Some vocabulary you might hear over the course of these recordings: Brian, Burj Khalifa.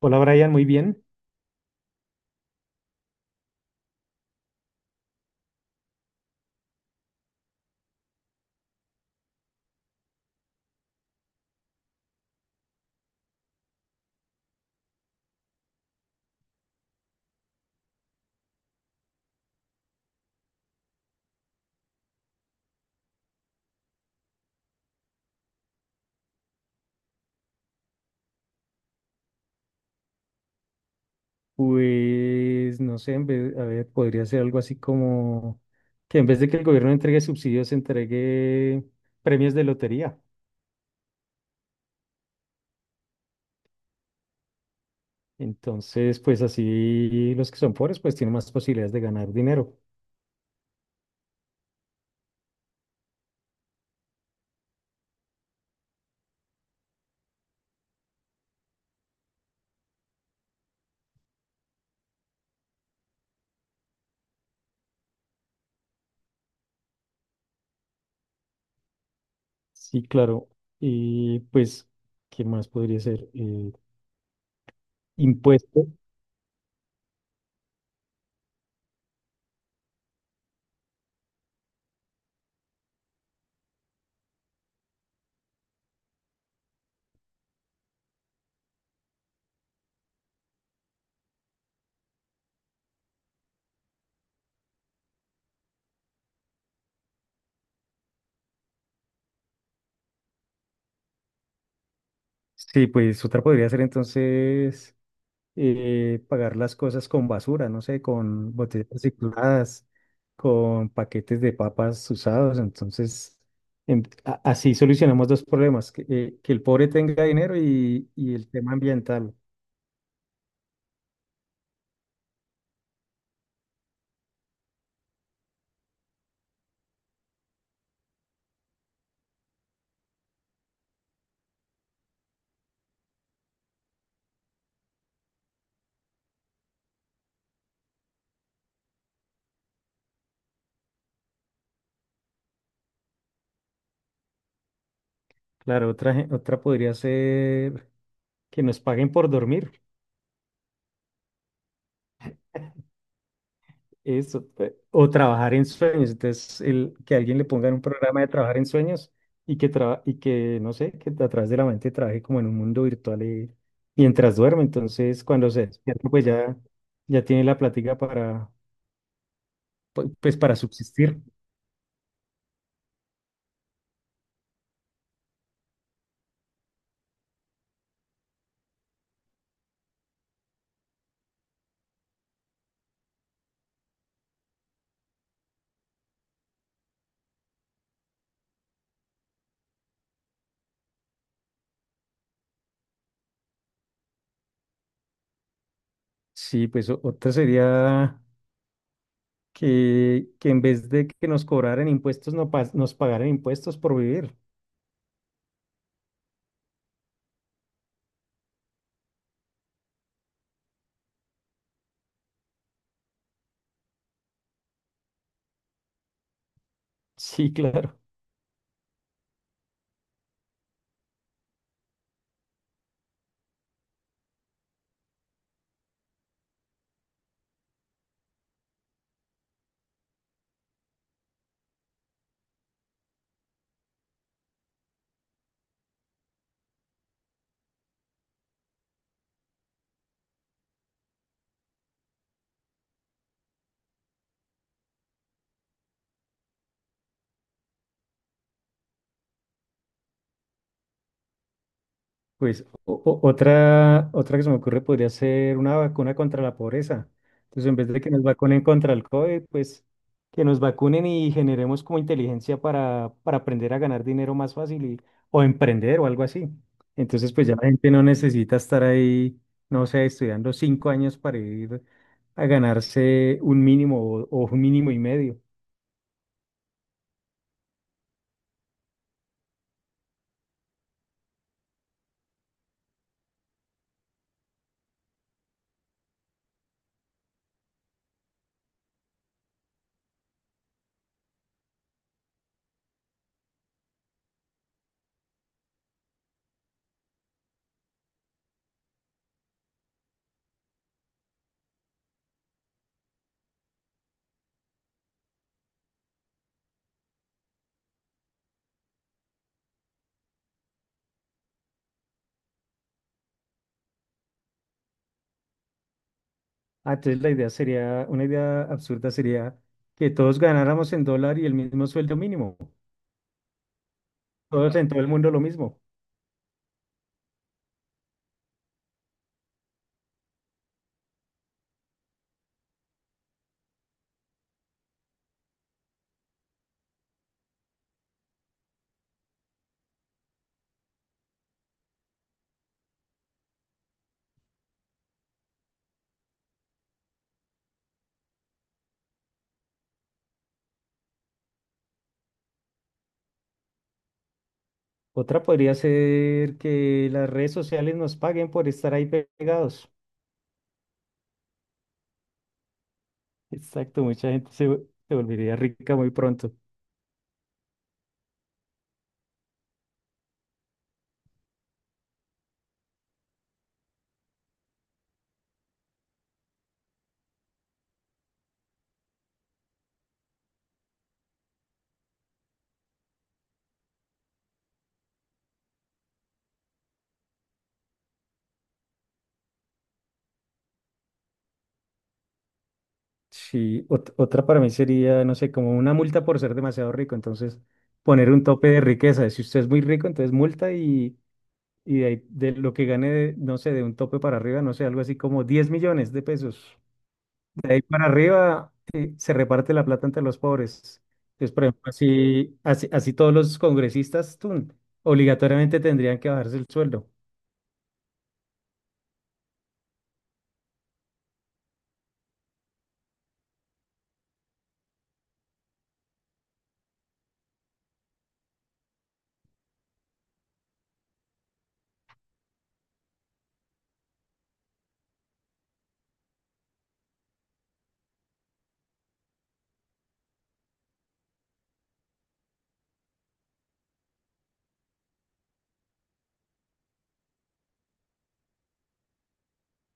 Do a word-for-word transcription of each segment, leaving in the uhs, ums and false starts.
Hola Brian, muy bien. Pues no sé, en vez- a ver, podría ser algo así como que en vez de que el gobierno entregue subsidios, entregue premios de lotería. Entonces, pues así los que son pobres, pues tienen más posibilidades de ganar dinero. Sí, claro. Y pues, ¿qué más podría ser? Eh, impuesto. Sí, pues otra podría ser entonces. eh, pagar las cosas con basura, no sé, con botellas recicladas, con paquetes de papas usados. Entonces, em- a- así solucionamos dos problemas, que, eh, que el pobre tenga dinero y, y el tema ambiental. Claro, otra, gen- otra podría ser que nos paguen por dormir. Eso, pe- o trabajar en sueños. Entonces, el, que alguien le ponga en un programa de trabajar en sueños y que, traba- y que, no sé, que a través de la mente trabaje como en un mundo virtual eh, mientras duerme. Entonces, cuando se despierta, pues ya, ya tiene la plática para, pu- pues, para subsistir. Sí, pues o- otra sería que, que en vez de que nos cobraran impuestos, no pas- nos pagaran impuestos por vivir. Sí, claro. Pues o- o- otra, otra que se me ocurre podría ser una vacuna contra la pobreza. Entonces, en vez de que nos vacunen contra el COVID, pues que nos vacunen y generemos como inteligencia para, para aprender a ganar dinero más fácil y, o emprender o algo así. Entonces, pues ya la gente no necesita estar ahí, no sé, estudiando cinco años para ir a ganarse un mínimo o, o un mínimo y medio. Ah, entonces la idea sería, una idea absurda sería que todos ganáramos en dólar y el mismo sueldo mínimo. Todos en todo el mundo lo mismo. Otra podría ser que las redes sociales nos paguen por estar ahí pe- pegados. Exacto, mucha gente se, vu- se volvería rica muy pronto. Sí, ot- otra para mí sería, no sé, como una multa por ser demasiado rico. Entonces, poner un tope de riqueza. Si usted es muy rico, entonces multa y, y de, ahí- de lo que gane, de, no sé, de un tope para arriba, no sé, algo así como diez millones de pesos. De ahí para arriba eh, se reparte la plata entre los pobres. Entonces, por ejemplo, así, así, así todos los congresistas tun, obligatoriamente tendrían que bajarse el sueldo.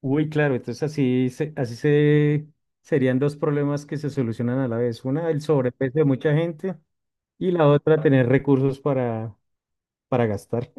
Uy, claro, entonces así, se- así se, serían dos problemas que se solucionan a la vez. Una, el sobrepeso de mucha gente y la otra, tener recursos para, para gastar.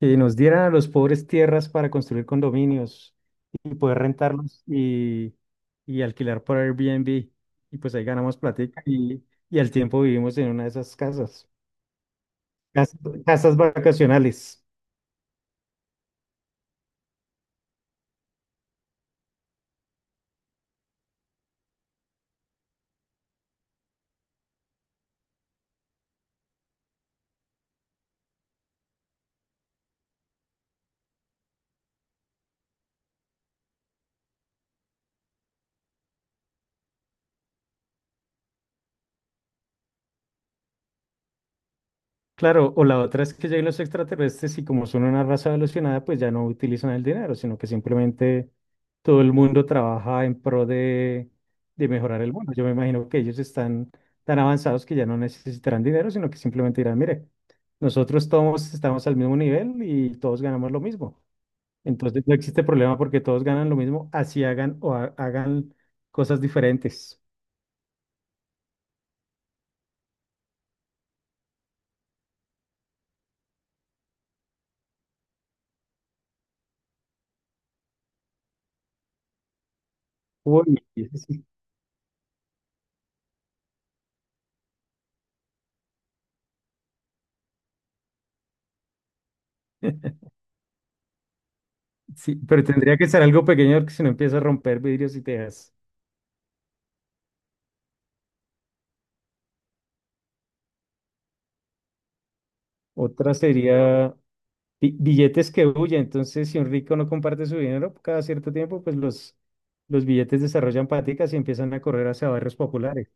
Y nos dieran a los pobres tierras para construir condominios y poder rentarlos y, y alquilar por Airbnb. Y pues ahí ganamos platica y, y al tiempo vivimos en una de esas casas, cas- casas vacacionales. Claro, o la otra es que lleguen los extraterrestres y como son una raza evolucionada, pues ya no utilizan el dinero, sino que simplemente todo el mundo trabaja en pro de, de mejorar el mundo. Yo me imagino que ellos están tan avanzados que ya no necesitarán dinero, sino que simplemente dirán, mire, nosotros todos estamos al mismo nivel y todos ganamos lo mismo. Entonces no existe problema porque todos ganan lo mismo, así hagan o ha- hagan cosas diferentes. Uy, sí, pero tendría que ser algo pequeño porque si no empieza a romper vidrios y tejas. Otra sería bi- billetes que huyen. Entonces, si un rico no comparte su dinero, cada cierto tiempo, pues los, los billetes desarrollan paticas y empiezan a correr hacia barrios populares.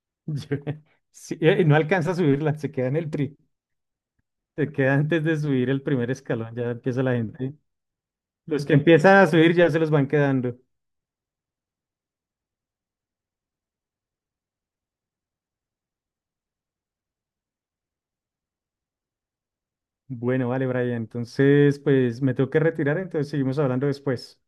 Yo- Sí, eh, y no alcanza a subirla, se queda en el tri, se queda antes de subir el primer escalón, ya empieza la gente. Los que empiezan a subir ya se los van quedando. Bueno, vale, Brian. Entonces, pues me tengo que retirar, entonces seguimos hablando después.